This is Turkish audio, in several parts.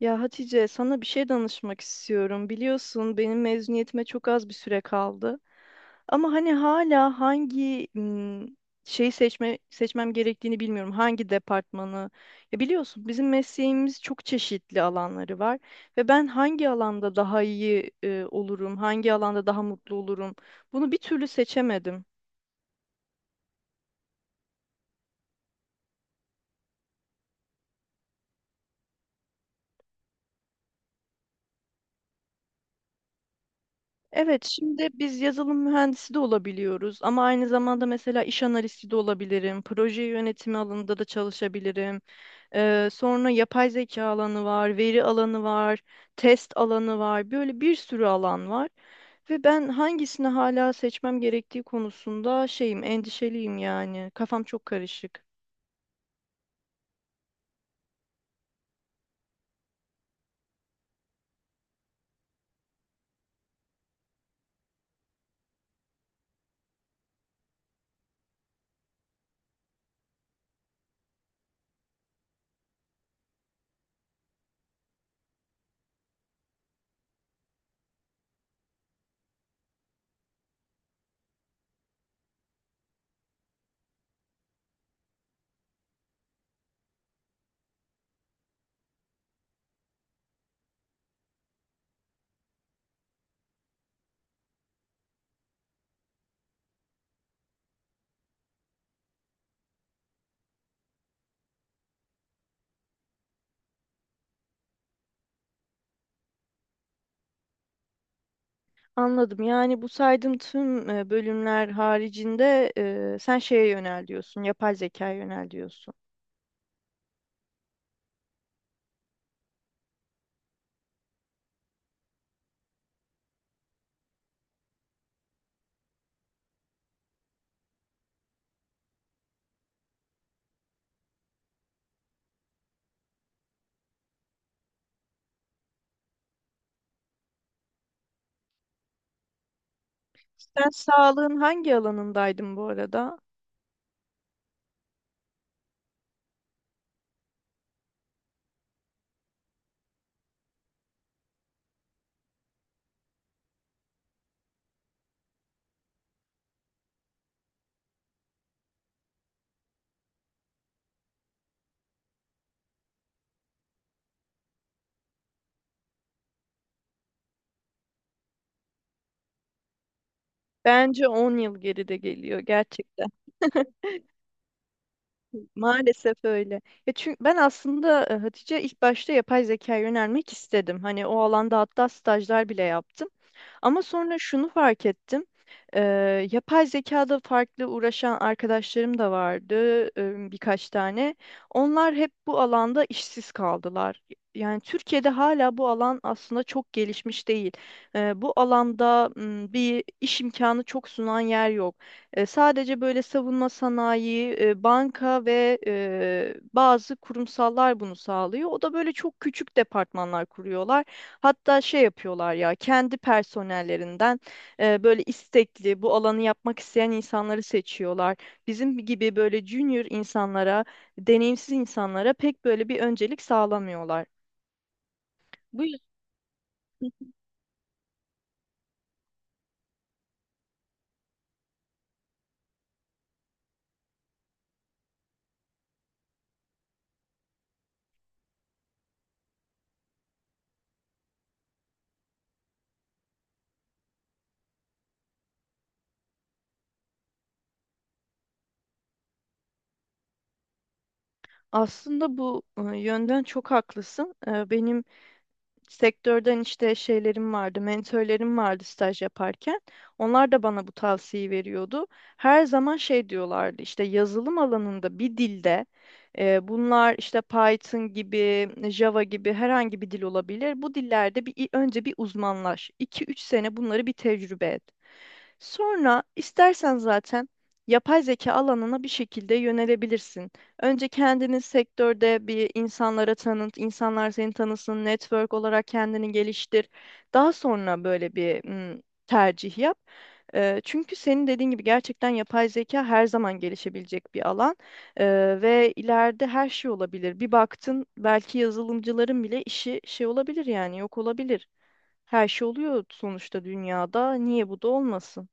Ya Hatice, sana bir şey danışmak istiyorum. Biliyorsun benim mezuniyetime çok az bir süre kaldı. Ama hani hala hangi şeyi seçmem gerektiğini bilmiyorum. Hangi departmanı? Ya biliyorsun bizim mesleğimiz çok çeşitli alanları var ve ben hangi alanda daha iyi olurum, hangi alanda daha mutlu olurum? Bunu bir türlü seçemedim. Evet, şimdi biz yazılım mühendisi de olabiliyoruz ama aynı zamanda mesela iş analisti de olabilirim, proje yönetimi alanında da çalışabilirim. Sonra yapay zeka alanı var, veri alanı var, test alanı var, böyle bir sürü alan var. Ve ben hangisini hala seçmem gerektiği konusunda endişeliyim yani. Kafam çok karışık. Anladım. Yani bu saydığım tüm bölümler haricinde sen şeye yönel diyorsun, yapay zekaya yönel diyorsun. Sen sağlığın hangi alanındaydın bu arada? Bence 10 yıl geride geliyor gerçekten. Maalesef öyle. Ya çünkü ben aslında Hatice ilk başta yapay zekaya yönelmek istedim. Hani o alanda hatta stajlar bile yaptım. Ama sonra şunu fark ettim. Yapay zekada farklı uğraşan arkadaşlarım da vardı, birkaç tane. Onlar hep bu alanda işsiz kaldılar. Yani Türkiye'de hala bu alan aslında çok gelişmiş değil. Bu alanda bir iş imkanı çok sunan yer yok. Sadece böyle savunma sanayi, banka ve bazı kurumsallar bunu sağlıyor. O da böyle çok küçük departmanlar kuruyorlar. Hatta şey yapıyorlar ya kendi personellerinden böyle istekli bu alanı yapmak isteyen insanları seçiyorlar. Bizim gibi böyle junior insanlara, deneyimsiz insanlara pek böyle bir öncelik sağlamıyorlar. Bu yüzden, aslında bu yönden çok haklısın. Benim sektörden işte şeylerim vardı, mentörlerim vardı staj yaparken. Onlar da bana bu tavsiyeyi veriyordu. Her zaman şey diyorlardı işte yazılım alanında bir dilde, bunlar işte Python gibi, Java gibi herhangi bir dil olabilir. Bu dillerde bir önce bir uzmanlaş. 2-3 sene bunları bir tecrübe et. Sonra istersen zaten yapay zeka alanına bir şekilde yönelebilirsin. Önce kendini sektörde bir insanlara tanıt, insanlar seni tanısın, network olarak kendini geliştir. Daha sonra böyle bir mm, tercih yap. Çünkü senin dediğin gibi gerçekten yapay zeka her zaman gelişebilecek bir alan. Ve ileride her şey olabilir. Bir baktın belki yazılımcıların bile işi şey olabilir yani yok olabilir. Her şey oluyor sonuçta dünyada. Niye bu da olmasın?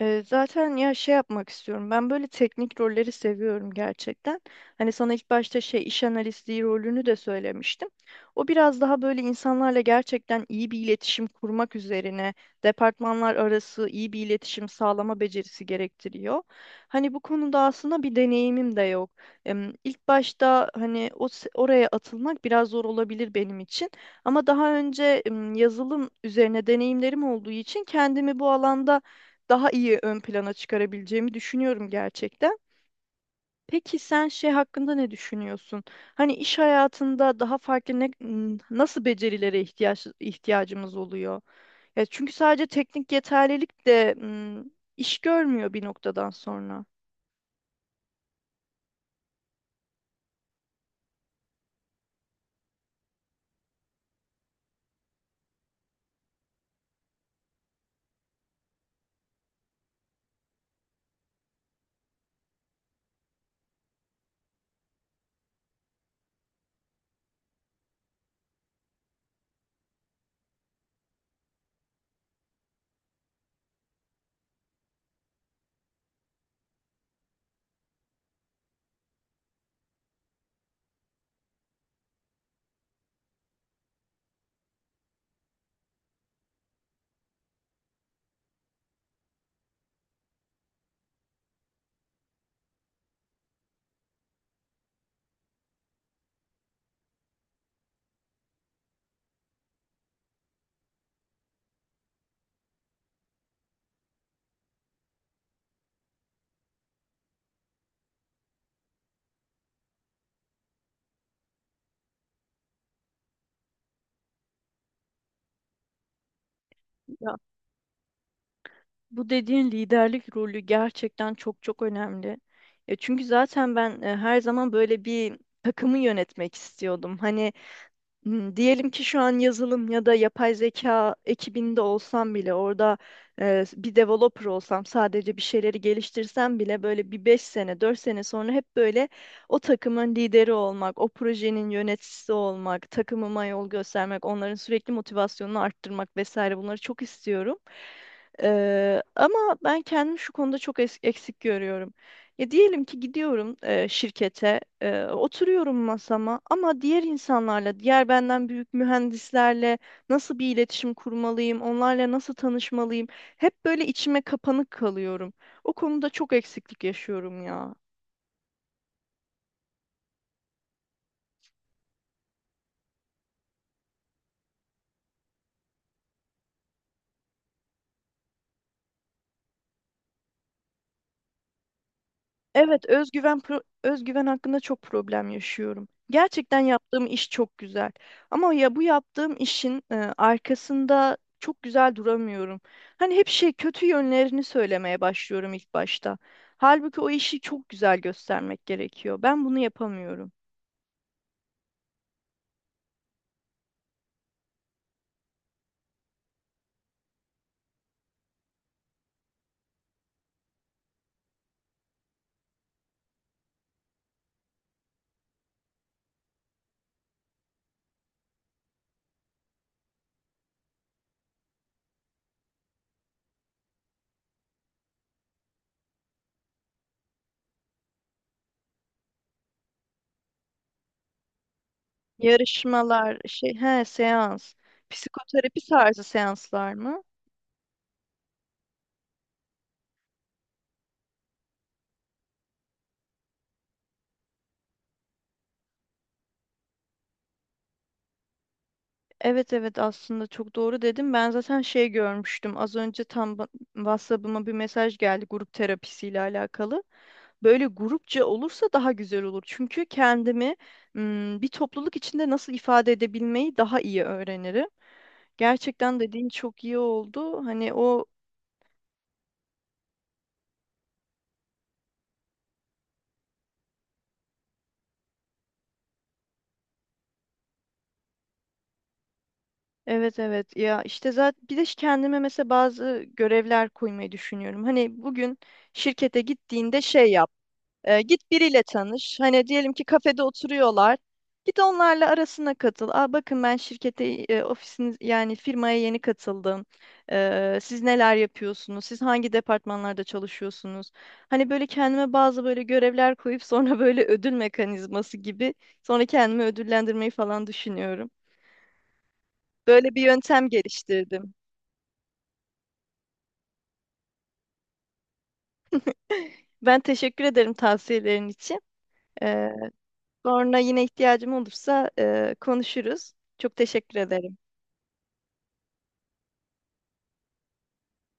Zaten ya şey yapmak istiyorum. Ben böyle teknik rolleri seviyorum gerçekten. Hani sana ilk başta şey iş analisti rolünü de söylemiştim. O biraz daha böyle insanlarla gerçekten iyi bir iletişim kurmak üzerine, departmanlar arası iyi bir iletişim sağlama becerisi gerektiriyor. Hani bu konuda aslında bir deneyimim de yok. İlk başta hani oraya atılmak biraz zor olabilir benim için. Ama daha önce yazılım üzerine deneyimlerim olduğu için kendimi bu alanda daha iyi ön plana çıkarabileceğimi düşünüyorum gerçekten. Peki sen şey hakkında ne düşünüyorsun? Hani iş hayatında daha farklı nasıl becerilere ihtiyacımız oluyor? Ya çünkü sadece teknik yeterlilik de iş görmüyor bir noktadan sonra. Ya bu dediğin liderlik rolü gerçekten çok çok önemli. Ya çünkü zaten ben her zaman böyle bir takımı yönetmek istiyordum. Hani, diyelim ki şu an yazılım ya da yapay zeka ekibinde olsam bile orada bir developer olsam sadece bir şeyleri geliştirsem bile böyle bir 5 sene 4 sene sonra hep böyle o takımın lideri olmak, o projenin yöneticisi olmak, takımıma yol göstermek, onların sürekli motivasyonunu arttırmak vesaire bunları çok istiyorum. Ama ben kendimi şu konuda çok eksik görüyorum. Ya diyelim ki gidiyorum şirkete, oturuyorum masama ama diğer insanlarla, diğer benden büyük mühendislerle nasıl bir iletişim kurmalıyım, onlarla nasıl tanışmalıyım? Hep böyle içime kapanık kalıyorum. O konuda çok eksiklik yaşıyorum ya. Evet, özgüven hakkında çok problem yaşıyorum. Gerçekten yaptığım iş çok güzel. Ama ya bu yaptığım işin arkasında çok güzel duramıyorum. Hani hep şey kötü yönlerini söylemeye başlıyorum ilk başta. Halbuki o işi çok güzel göstermek gerekiyor. Ben bunu yapamıyorum. Yarışmalar, şey, he, seans, psikoterapi tarzı seanslar mı? Evet, evet, aslında çok doğru dedim. Ben zaten şey görmüştüm. Az önce tam WhatsApp'ıma bir mesaj geldi grup terapisiyle alakalı. Böyle grupça olursa daha güzel olur. Çünkü kendimi bir topluluk içinde nasıl ifade edebilmeyi daha iyi öğrenirim. Gerçekten dediğin çok iyi oldu. Hani o. Evet, evet, ya işte zaten bir de kendime mesela bazı görevler koymayı düşünüyorum. Hani bugün şirkete gittiğinde şey yap. Git biriyle tanış. Hani diyelim ki kafede oturuyorlar. Git onlarla arasına katıl. Aa, bakın ben şirkete, ofisiniz yani firmaya yeni katıldım. Siz neler yapıyorsunuz? Siz hangi departmanlarda çalışıyorsunuz? Hani böyle kendime bazı böyle görevler koyup sonra böyle ödül mekanizması gibi sonra kendimi ödüllendirmeyi falan düşünüyorum. Böyle bir yöntem geliştirdim. Ben teşekkür ederim tavsiyelerin için. Ee, sonra yine ihtiyacım olursa konuşuruz. Çok teşekkür ederim.